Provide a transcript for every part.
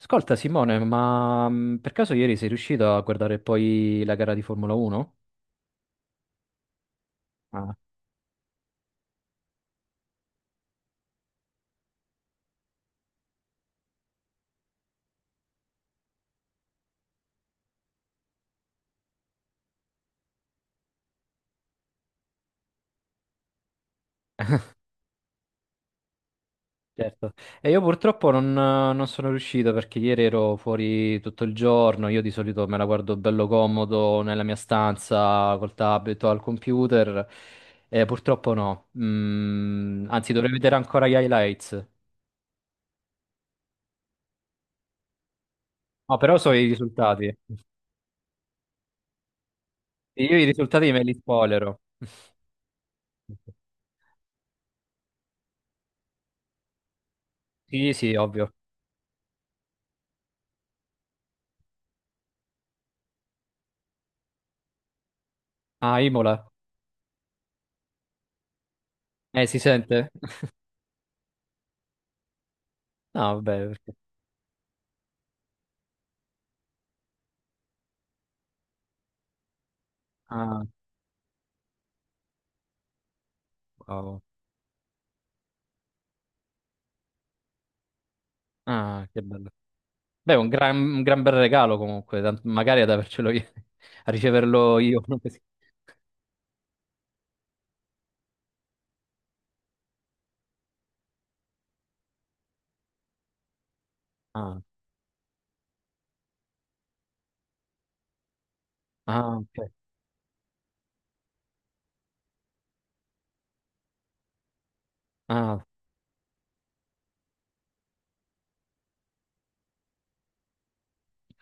Ascolta Simone, ma per caso ieri sei riuscito a guardare poi la gara di Formula 1? Ah, certo. E io purtroppo non sono riuscito perché ieri ero fuori tutto il giorno, io di solito me la guardo bello comodo nella mia stanza col tablet o al computer, e purtroppo no. Anzi, dovrei vedere ancora gli highlights. No, però so i risultati. Io i risultati me li spoilero. Sì, sì, ovvio. Ah, Imola. Si sente? No, vabbè, perché... Ah. Wow. Ah, che bello. Beh, un gran bel regalo comunque, magari ad avercelo io, a riceverlo io. non che si- Ah, ah, ok. Ah,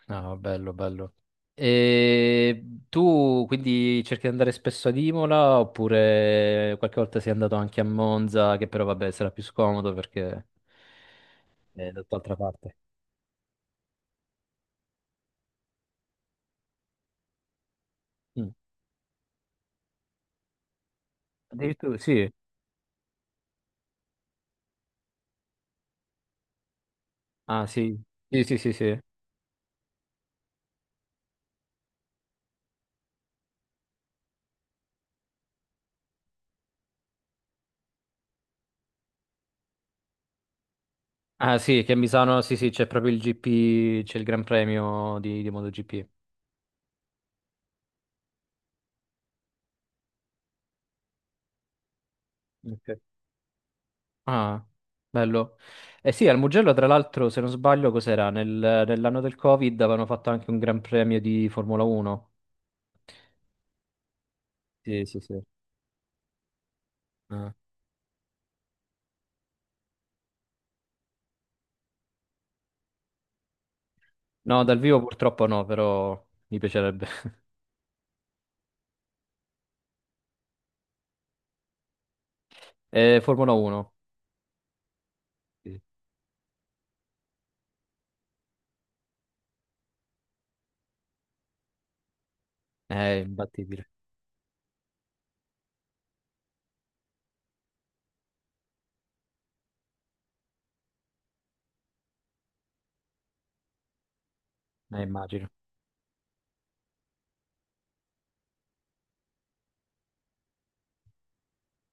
no, bello, bello. E tu quindi cerchi di andare spesso ad Imola oppure qualche volta sei andato anche a Monza, che però vabbè sarà più scomodo perché è da tutt'altra parte. Mm. Addirittura, sì. Ah, sì. Sì, sì, sì, sì. Ah sì, che a Misano, sì sì, c'è proprio il GP, c'è il Gran Premio di MotoGP. Ok. Ah, bello. Eh sì, al Mugello tra l'altro, se non sbaglio, cos'era? Nell'anno del Covid avevano fatto anche un Gran Premio di Formula 1. Sì, sì, sì. Ah. No, dal vivo purtroppo no, però mi piacerebbe. Formula 1. Sì, è imbattibile. Eh, immagino.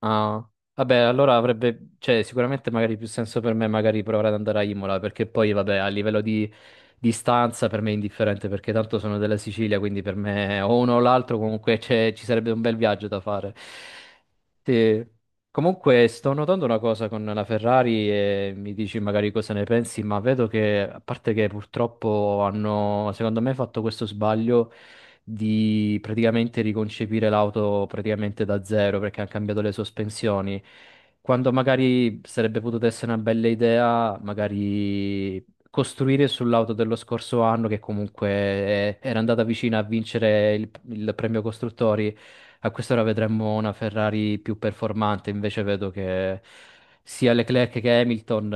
Ah, vabbè, allora avrebbe, cioè, sicuramente magari più senso per me magari provare ad andare a Imola, perché poi, vabbè, a livello di distanza per me è indifferente, perché tanto sono della Sicilia, quindi per me o uno o l'altro comunque c'è- ci sarebbe un bel viaggio da fare. Sì. Comunque sto notando una cosa con la Ferrari e mi dici magari cosa ne pensi, ma vedo che, a parte che purtroppo hanno, secondo me, fatto questo sbaglio di praticamente riconcepire l'auto praticamente da zero perché hanno cambiato le sospensioni. Quando magari sarebbe potuta essere una bella idea, magari costruire sull'auto dello scorso anno che comunque era andata vicina a vincere il premio costruttori a quest'ora vedremmo una Ferrari più performante, invece vedo che sia Leclerc che Hamilton,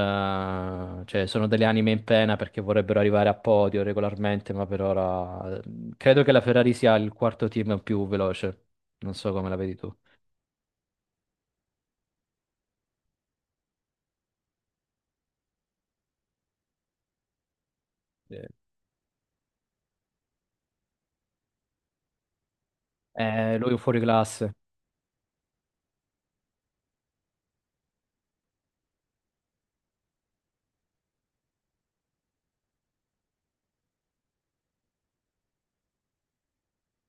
cioè, sono delle anime in pena perché vorrebbero arrivare a podio regolarmente, ma per ora credo che la Ferrari sia il quarto team più veloce. Non so come la vedi tu. Eh, Lui è un fuoriclasse,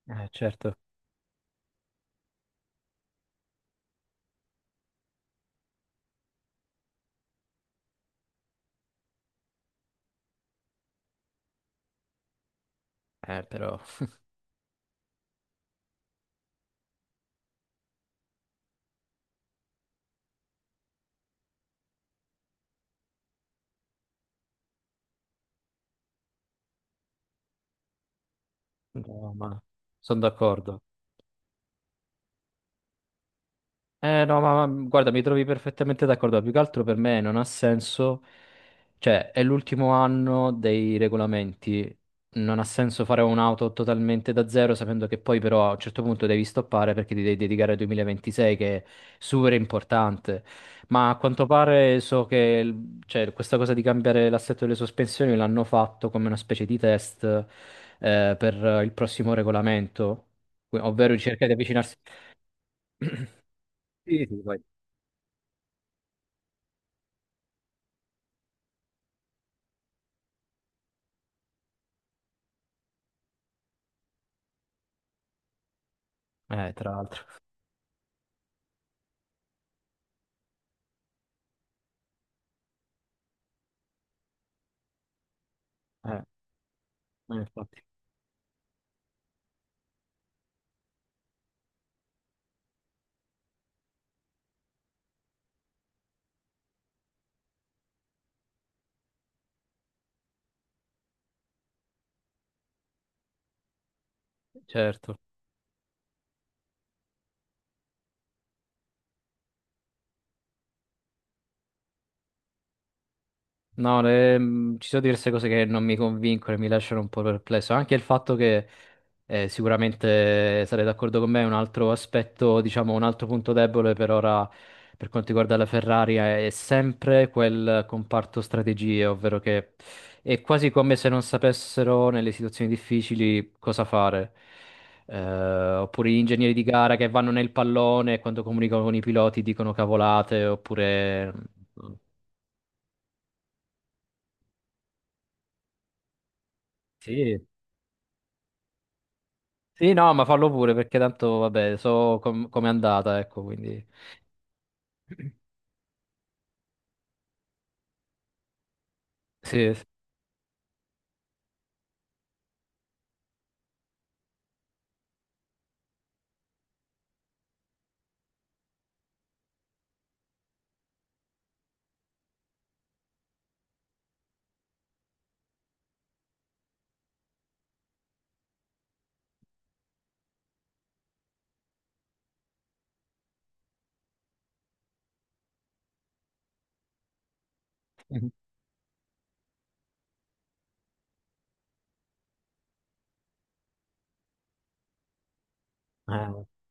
certo, però, no, ma sono d'accordo. Eh no, guarda, mi trovi perfettamente d'accordo. Più che altro per me non ha senso, cioè è l'ultimo anno dei regolamenti. Non ha senso fare un'auto totalmente da zero sapendo che poi però a un certo punto devi stoppare perché ti devi dedicare al 2026 che è super importante. Ma a quanto pare so che cioè, questa cosa di cambiare l'assetto delle sospensioni l'hanno fatto come una specie di test per il prossimo regolamento, ovvero cerca di avvicinarsi. Sì, sì, poi. Tra l'altro. Eh, eh, infatti, certo. No, ci sono diverse cose che non mi convincono e mi lasciano un po' perplesso. Anche il fatto che sicuramente sarei d'accordo con me, un altro aspetto, diciamo, un altro punto debole per ora per quanto riguarda la Ferrari è sempre quel comparto strategie, ovvero che è quasi come se non sapessero nelle situazioni difficili cosa fare. Oppure gli ingegneri di gara che vanno nel pallone e quando comunicano con i piloti dicono cavolate, oppure... Sì, sì, no, ma fallo pure perché tanto, vabbè, so com'è andata, ecco, quindi... Sì, sì.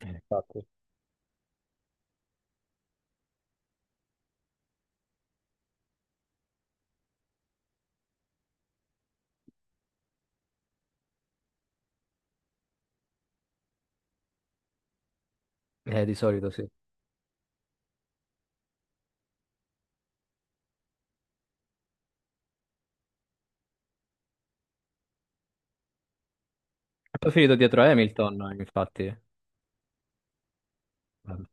Infatti. Di solito sì. E poi è finito dietro Hamilton, infatti. Vabbè.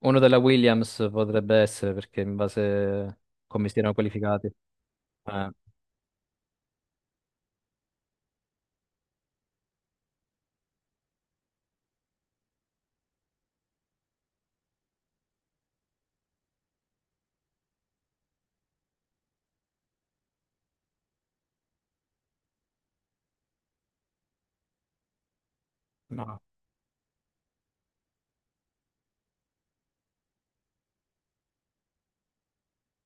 Uno della Williams potrebbe essere perché in base a come si erano qualificati. Eh, no.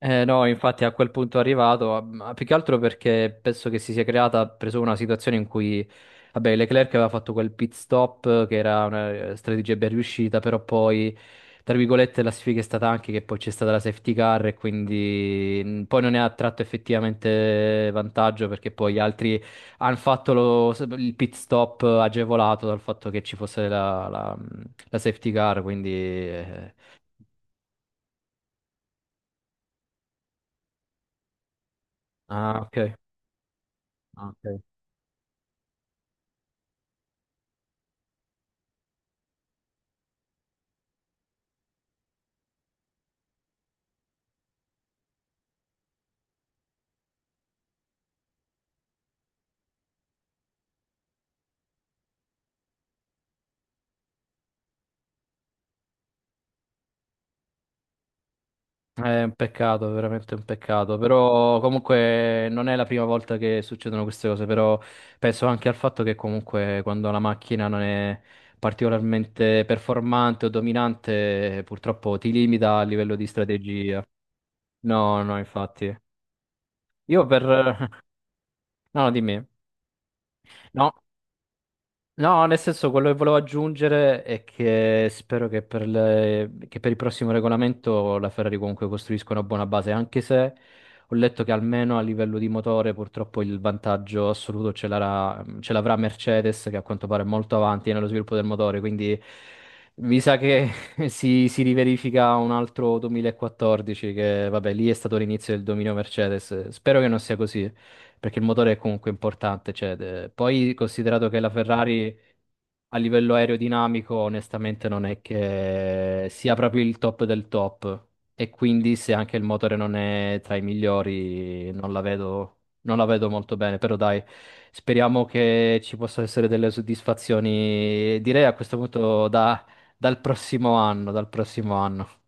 No, infatti a quel punto è arrivato, ah, ma più che altro perché penso che si sia creata preso una situazione in cui, vabbè, Leclerc aveva fatto quel pit stop che era una strategia ben riuscita, però poi, tra virgolette, la sfiga è stata anche che poi c'è stata la safety car e quindi poi non ne ha tratto effettivamente vantaggio perché poi gli altri hanno fatto il pit stop agevolato dal fatto che ci fosse la safety car, quindi... Ah, ok. Ah, ok. È un peccato, veramente un peccato, però comunque non è la prima volta che succedono queste cose, però penso anche al fatto che comunque quando la macchina non è particolarmente performante o dominante, purtroppo ti limita a livello di strategia. No, no, infatti. Io per... No, dimmi. No. No, nel senso, quello che volevo aggiungere è che spero che per, che per il prossimo regolamento la Ferrari comunque costruisca una buona base, anche se ho letto che almeno a livello di motore purtroppo il vantaggio assoluto ce l'avrà Mercedes, che a quanto pare è molto avanti nello sviluppo del motore, quindi mi sa che si riverifica un altro 2014, che vabbè, lì è stato l'inizio del dominio Mercedes. Spero che non sia così perché il motore è comunque importante. Cioè, poi considerato che la Ferrari a livello aerodinamico, onestamente, non è che sia proprio il top del top. E quindi, se anche il motore non è tra i migliori, non la vedo molto bene. Però, dai, speriamo che ci possano essere delle soddisfazioni. Direi a questo punto dal prossimo anno, dal prossimo anno.